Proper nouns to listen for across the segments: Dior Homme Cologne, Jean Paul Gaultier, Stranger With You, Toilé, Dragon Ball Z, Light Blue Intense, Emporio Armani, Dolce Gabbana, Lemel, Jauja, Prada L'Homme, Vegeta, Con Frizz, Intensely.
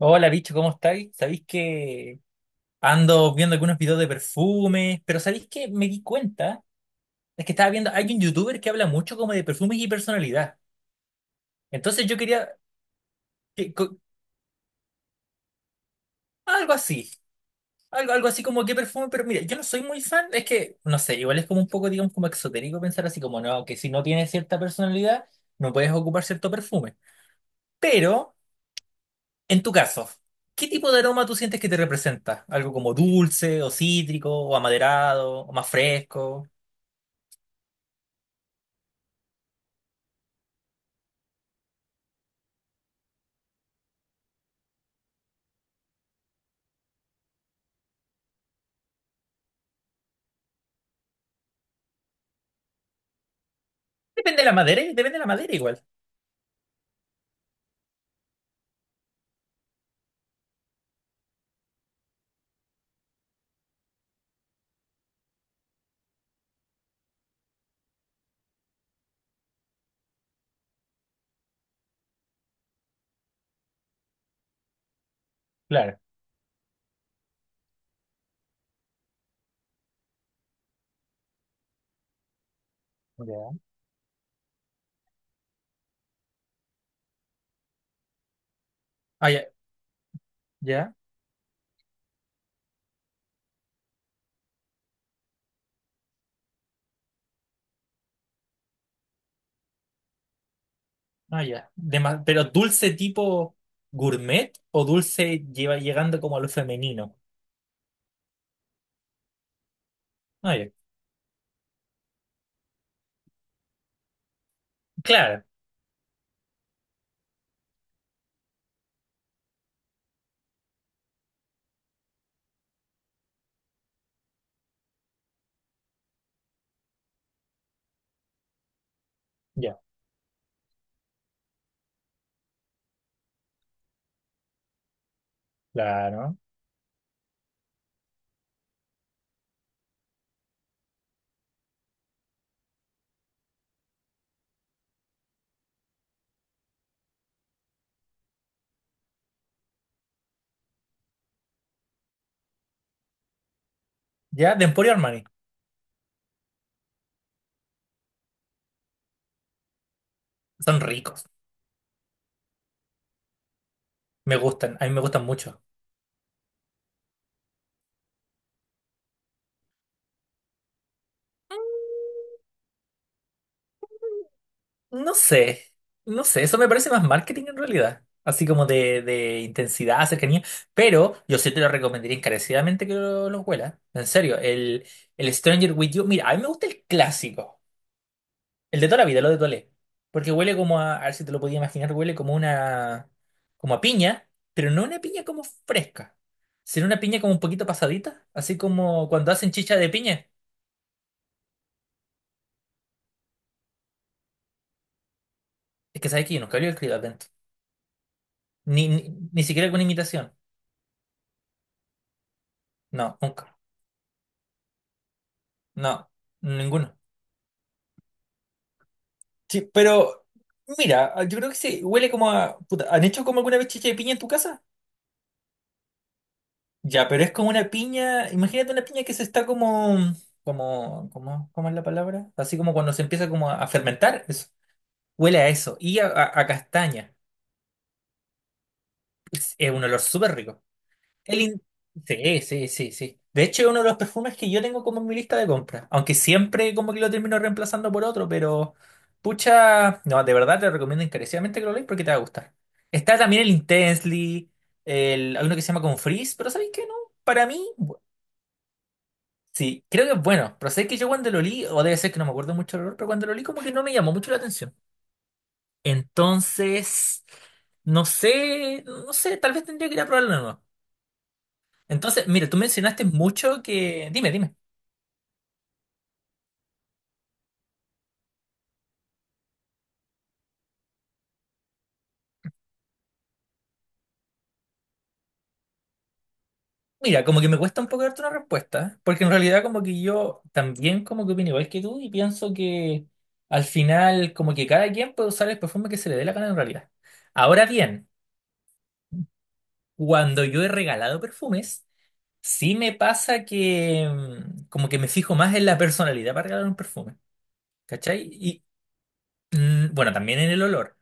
Hola, bicho, ¿cómo estáis? Sabéis que ando viendo algunos videos de perfumes, pero ¿sabéis que me di cuenta? Es que estaba viendo, hay un youtuber que habla mucho como de perfumes y personalidad. Entonces yo quería que, co- algo así, algo, algo así como qué perfume, pero mira, yo no soy muy fan, es que, no sé, igual es como un poco, digamos, como exotérico pensar así como, no, que si no tienes cierta personalidad, no puedes ocupar cierto perfume. Pero, en tu caso, ¿qué tipo de aroma tú sientes que te representa? ¿Algo como dulce, o cítrico, o amaderado, o más fresco? Depende de la madera, ¿eh? Depende de la madera igual. Claro. Ya. Ah, ya, ya, ah, ya. Pero dulce tipo gourmet o dulce lleva llegando como a lo femenino. Ah, ya. Claro, ya, claro. Ya, de Emporio Armani. Son ricos, me gustan, a mí me gustan mucho. No sé, no sé, eso me parece más marketing en realidad. Así como de, intensidad, cercanía. Pero yo sí te lo recomendaría encarecidamente que lo huelas. En serio, el Stranger With You. Mira, a mí me gusta el clásico. El de toda la vida, lo de Toilé. Porque huele como a ver si te lo podía imaginar, huele como una, como a piña, pero no una piña como fresca, sino una piña como un poquito pasadita, así como cuando hacen chicha de piña. Es que sabes que yo nunca había escrito atento. Ni, ni, ni siquiera con imitación. No, nunca. No, ninguno. Sí, pero mira, yo creo que sí, huele como a, puta, ¿han hecho como alguna vez chicha de piña en tu casa? Ya, pero es como una piña, imagínate una piña que se está como, ¿cómo es la palabra? Así como cuando se empieza como a fermentar, eso. Huele a eso, y a castaña. Es un olor súper rico. El in- Sí, sí, sí, sí. De hecho, es uno de los perfumes que yo tengo como en mi lista de compras, aunque siempre como que lo termino reemplazando por otro, pero pucha, no, de verdad te recomiendo encarecidamente que lo leas porque te va a gustar. Está también el Intensely, hay uno que se llama Con Frizz. Pero ¿sabéis qué? No, para mí. Sí, creo que es bueno, pero sé que yo cuando lo li o debe ser que no me acuerdo mucho el olor, pero cuando lo li como que no me llamó mucho la atención. Entonces, no sé, no sé, tal vez tendría que ir a probarlo de nuevo. Entonces, mira, tú mencionaste mucho que. Dime, dime. Mira, como que me cuesta un poco darte una respuesta, ¿eh? Porque en realidad como que yo también como que opino igual que tú y pienso que al final como que cada quien puede usar el perfume que se le dé la gana en realidad. Ahora bien, cuando yo he regalado perfumes, sí me pasa que como que me fijo más en la personalidad para regalar un perfume, ¿cachai? Y bueno, también en el olor.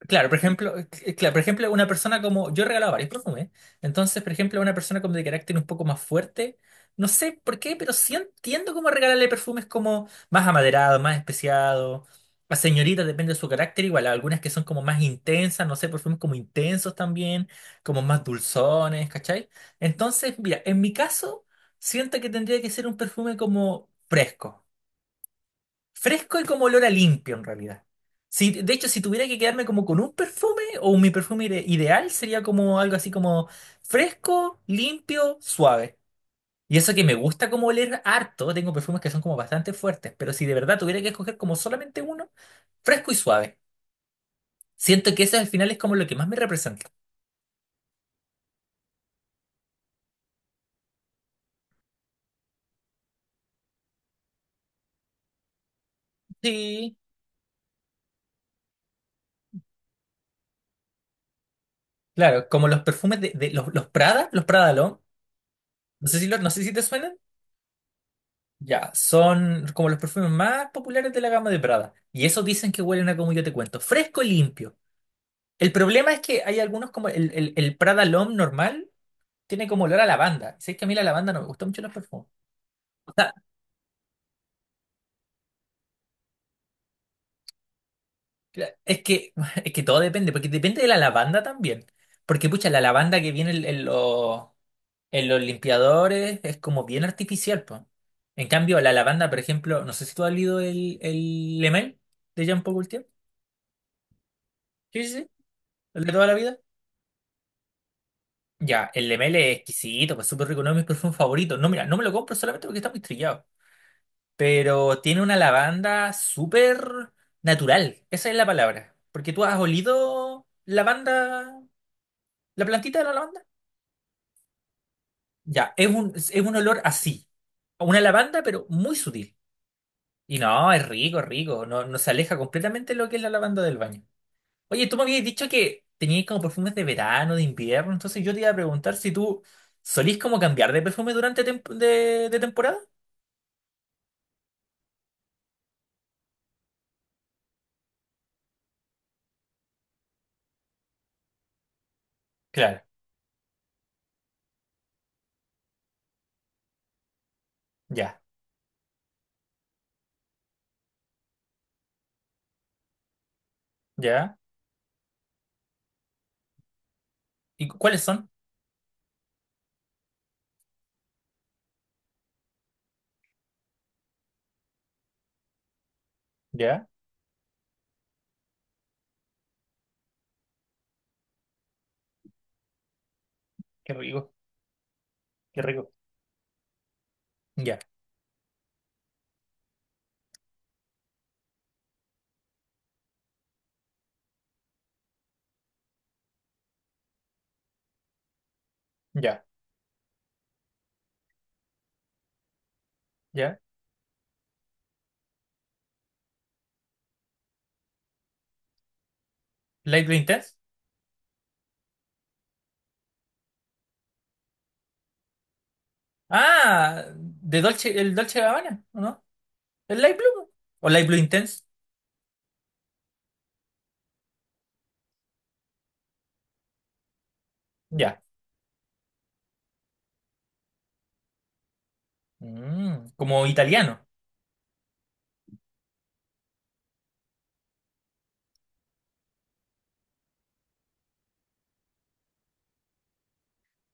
Claro, por ejemplo, claro, por ejemplo, una persona como, yo he regalado varios perfumes, entonces, por ejemplo, una persona como de carácter un poco más fuerte, no sé por qué, pero sí entiendo cómo regalarle perfumes como más amaderados, más especiados, a señoritas, depende de su carácter, igual, algunas que son como más intensas, no sé, perfumes como intensos también, como más dulzones, ¿cachai? Entonces, mira, en mi caso, siento que tendría que ser un perfume como fresco. Fresco y como olor a limpio en realidad. Si, de hecho, si tuviera que quedarme como con un perfume o mi perfume ideal sería como algo así como fresco, limpio, suave. Y eso que me gusta como oler harto, tengo perfumes que son como bastante fuertes, pero si de verdad tuviera que escoger como solamente uno, fresco y suave. Siento que ese al final es como lo que más me representa. Sí, claro, como los perfumes de, de los Prada L'Homme. No sé si te suenan. Ya, son como los perfumes más populares de la gama de Prada. Y esos dicen que huelen a como yo te cuento, fresco y limpio. El problema es que hay algunos como el, el Prada L'Homme normal tiene como olor a lavanda. Sé que a mí la lavanda no me gusta mucho en los perfumes. O sea, es que, es que todo depende, porque depende de la lavanda también. Porque, pucha, la lavanda que viene en, en los limpiadores es como bien artificial, po. En cambio, la lavanda, por ejemplo, no sé si tú has leído el, Lemel de Jean Paul Gaultier. Sí, sí, sí. El de toda la vida. Ya, el Lemele es exquisito, pues súper rico, no es mi perfume favorito. No, mira, no me lo compro solamente porque está muy trillado. Pero tiene una lavanda súper natural, esa es la palabra. Porque tú has olido lavanda, la plantita de la lavanda. Ya, es un olor así. A una lavanda, pero muy sutil. Y no, es rico, es rico. No, no se aleja completamente de lo que es la lavanda del baño. Oye, tú me habías dicho que tenías como perfumes de verano, de invierno, entonces yo te iba a preguntar si tú solís como cambiar de perfume durante de temporada. Claro, ya, ya. ¿Y cuáles son? Ya, qué rico, qué rico. Ya, ya, ya. Light Blue Intense. Ah, de Dolce, el Dolce Gabbana, ¿o no? ¿El Light Blue? ¿O Light Blue Intense? Ya. Como italiano.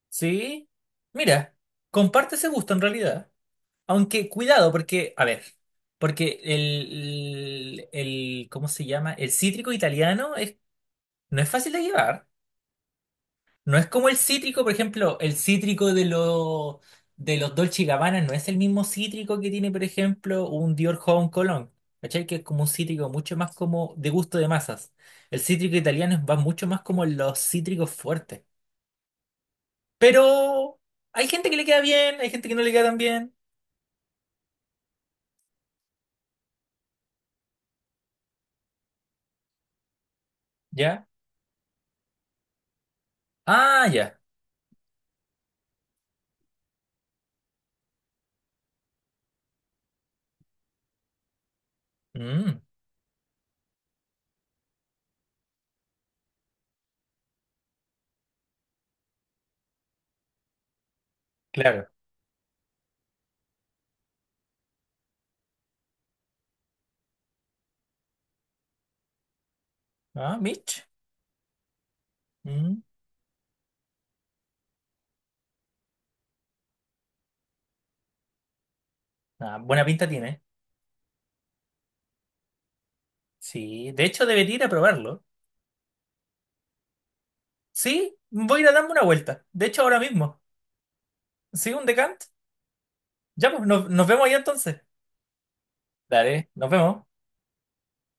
Sí. Mira, comparte ese gusto en realidad. Aunque cuidado, porque, a ver, porque el, ¿cómo se llama? El cítrico italiano es, no es fácil de llevar. No es como el cítrico, por ejemplo, el cítrico de lo de los Dolce y Gabbana no es el mismo cítrico que tiene, por ejemplo, un Dior Homme Cologne. ¿Cachai? Que es como un cítrico mucho más como de gusto de masas. El cítrico italiano va mucho más como los cítricos fuertes. Pero hay gente que le queda bien, hay gente que no le queda tan bien. ¿Ya? Ah, ya. Mm, claro. Ah, Mitch. Mm. Ah, buena pinta tiene. Sí, de hecho debería ir a probarlo. Sí, voy a ir a darme una vuelta. De hecho, ahora mismo. Sí, un decant. Ya, pues nos vemos ahí entonces. Dale, nos vemos.